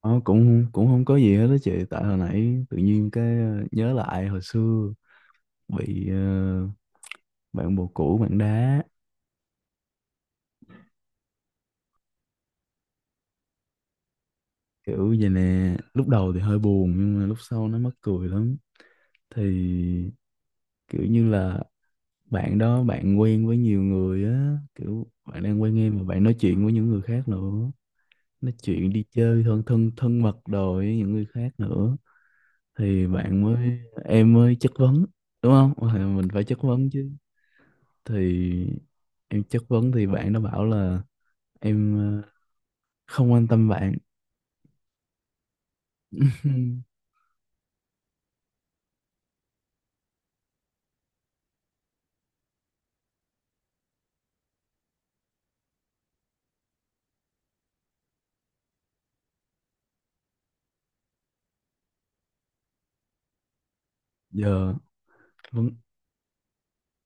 Ờ, cũng cũng không có gì hết đó chị. Tại hồi nãy tự nhiên cái nhớ lại hồi xưa bị bạn bồ cũ bạn đá kiểu vậy nè. Lúc đầu thì hơi buồn nhưng mà lúc sau nó mắc cười lắm. Thì kiểu như là bạn đó bạn quen với nhiều người á, kiểu bạn đang quen em mà bạn nói chuyện với những người khác nữa, nói chuyện đi chơi thân thân thân mật đồ với những người khác nữa. Thì bạn mới em mới chất vấn, đúng không? Thì mình phải chất vấn chứ. Thì em chất vấn thì bạn nó bảo là em không quan tâm bạn. Giờ vấn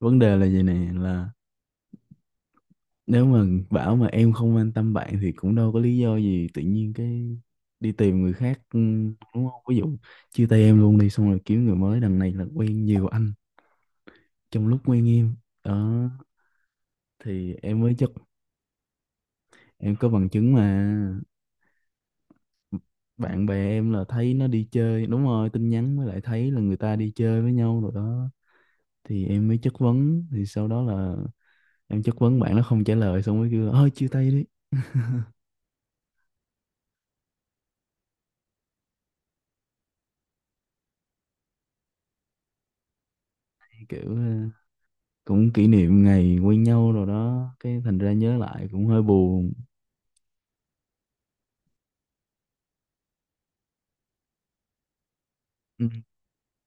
vấn đề là vậy nè, là nếu mà bảo mà em không quan tâm bạn thì cũng đâu có lý do gì tự nhiên cái đi tìm người khác, ừ, đúng không? Ví dụ chia tay em luôn đi xong rồi kiếm người mới, đằng này là quen nhiều anh trong lúc quen em đó. Thì em mới chất em có bằng chứng mà. Bạn bè em là thấy nó đi chơi, đúng rồi, tin nhắn mới lại thấy là người ta đi chơi với nhau rồi đó. Thì em mới chất vấn thì sau đó là em chất vấn bạn nó không trả lời, xong mới kêu ơi chia tay đi. Kiểu cũng kỷ niệm ngày quen nhau rồi đó, cái thành ra nhớ lại cũng hơi buồn. Ừ,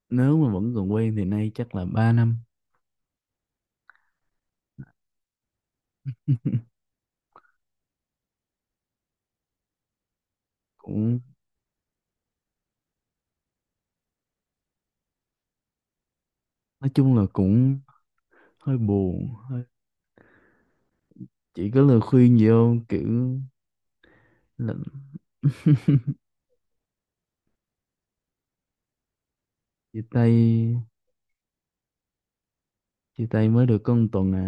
nếu mà vẫn còn quen thì nay chắc là 3 năm. Cũng nói chung là cũng hơi buồn hơi, chỉ có lời khuyên gì không kiểu là chia tay chia tay mới được có 1 tuần à.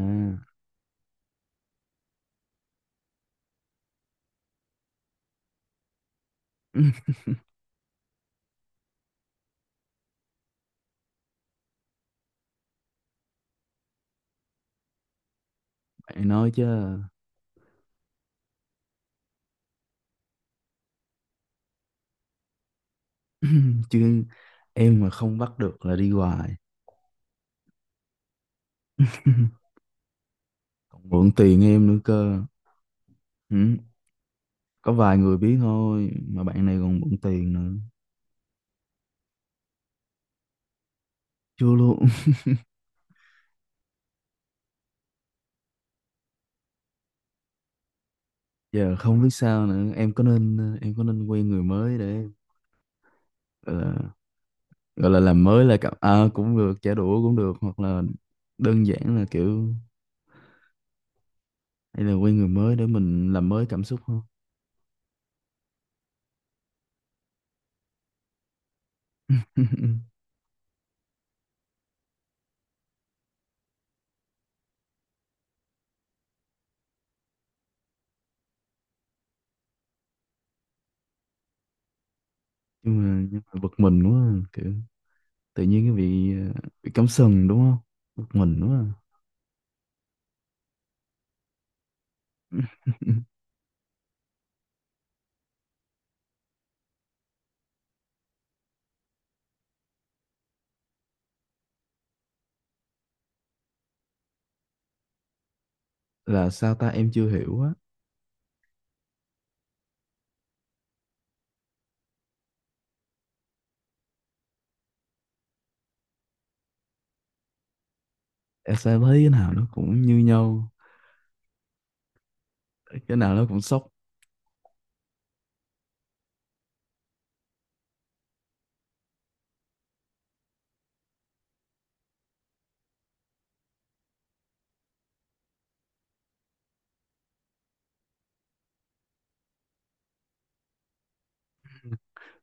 Bạn nói chứ. Chứ em mà không bắt được là đi hoài. Còn mượn tiền em nữa cơ. Ừ. Có vài người biết thôi, mà bạn này còn bận tiền nữa. Chưa luôn. Giờ không biết sao nữa, em có nên em có nên quen người mới để gọi là, gọi là làm mới lại cảm à, cũng được, trả đũa cũng được, hoặc là đơn giản là kiểu hay là quen người mới để mình làm mới cảm xúc không? Nhưng mà bực mình quá à, kiểu tự nhiên cái bị bị cắm sừng, đúng không? Bực mình quá à. Là sao ta, em chưa hiểu á. Em sẽ thấy cái nào nó cũng như nhau, cái nào nó cũng sốc.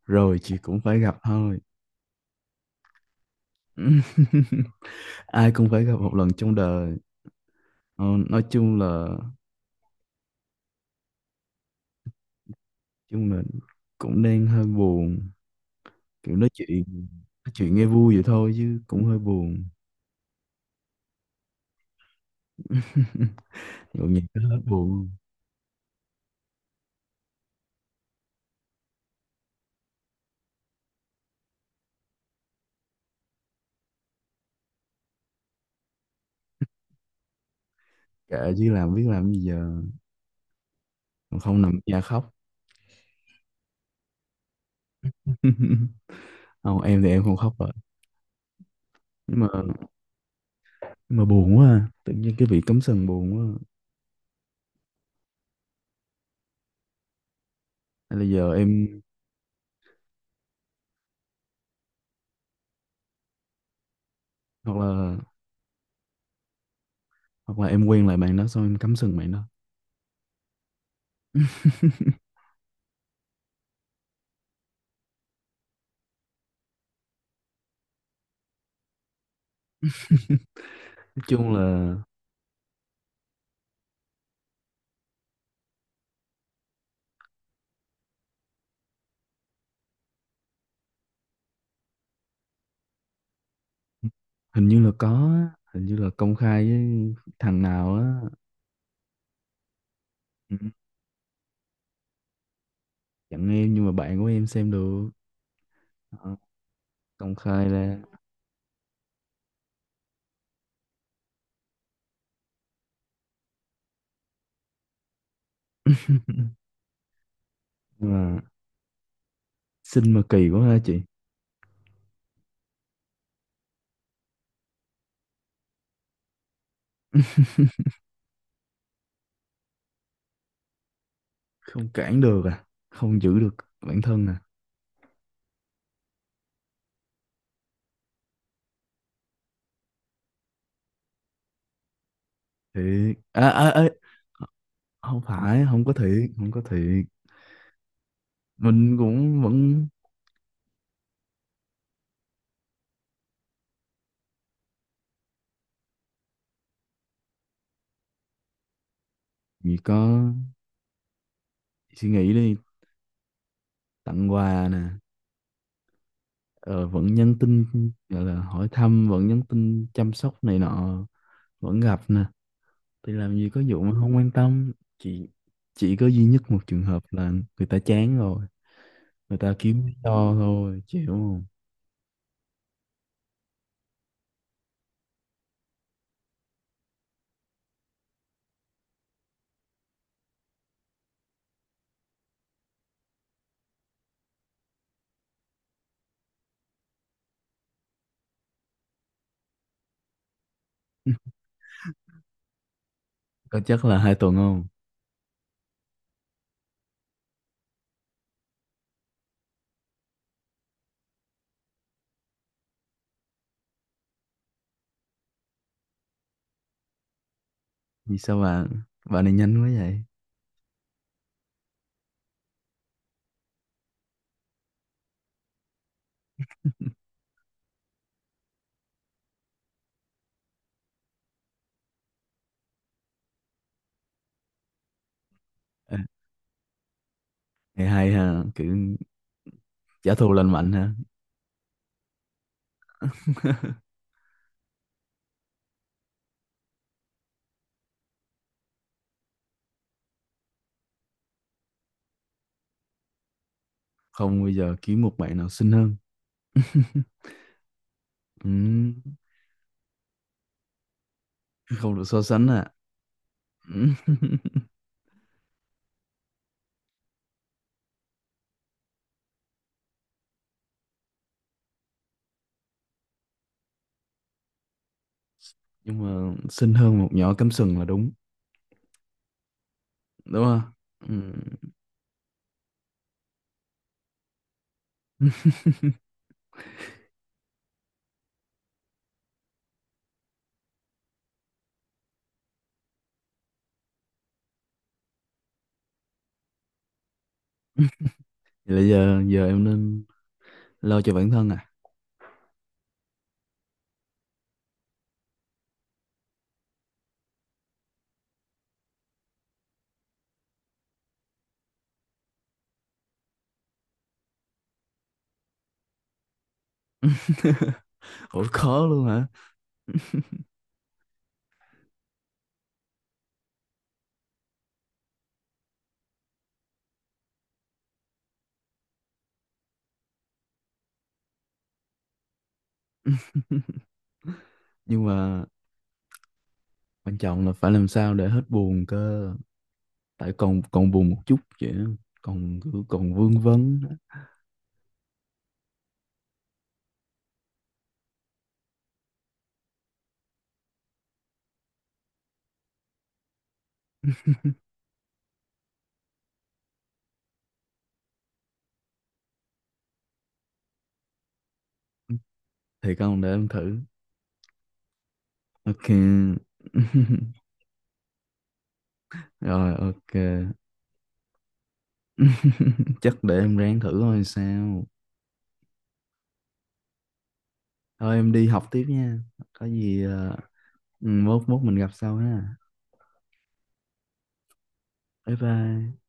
Rồi chị cũng phải gặp thôi. Ai cũng phải gặp một lần trong đời. Ờ, nói chung là chung là cũng đang hơi buồn, kiểu nói chuyện nghe vui vậy thôi chứ cũng hơi buồn. Nhộn nhịp hết buồn. Kệ chứ làm biết làm gì giờ. Còn không nằm ở nhà khóc. Không, em thì em không khóc rồi. Nhưng mà nhưng mà buồn quá à, tự nhiên cái bị cắm sừng buồn quá à. Hay là giờ em hoặc là hoặc là em quen lại bạn đó xong em cắm sừng bạn đó. Nói chung là hình như là có á, hình như là công khai với thằng nào á. Ừ, chẳng em, nhưng mà bạn của em xem được. Ờ, công khai ra. Nhưng mà xinh mà kỳ quá ha chị. Không cản được à, không giữ được bản thân à. Thiệt à, à, à, không phải, không có thiệt, không có thiệt. Mình cũng vẫn chỉ có suy nghĩ đi, tặng quà nè, ờ, vẫn nhắn tin gọi là hỏi thăm, vẫn nhắn tin chăm sóc này nọ, vẫn gặp nè. Thì làm gì có vụ mà không quan tâm. Chỉ chỉ có duy nhất một trường hợp là người ta chán rồi, người ta kiếm lý do thôi, chịu không? Có chắc là 2 tuần không? Vì sao bạn bạn này nhanh quá vậy? À, hay, hay ha kiểu trả thù lành mạnh ha. Không, bây giờ kiếm một bạn nào xinh hơn. Ừm, không được so sánh à. Ừm, nhưng mà xinh hơn một nhỏ cắm sừng là đúng, đúng không? Ừm. Vậy là giờ giờ em nên lo cho bản thân à. Ủa khó luôn hả? Nhưng mà quan trọng là phải làm sao để hết buồn cơ, tại còn còn buồn một chút vậy á, còn cứ còn vương vấn á. Thì con để em thử. Ok. Rồi ok. Chắc để em ráng thử thôi sao. Thôi em đi học tiếp nha, có gì ừ, mốt mốt mình gặp sau ha. Bye bye.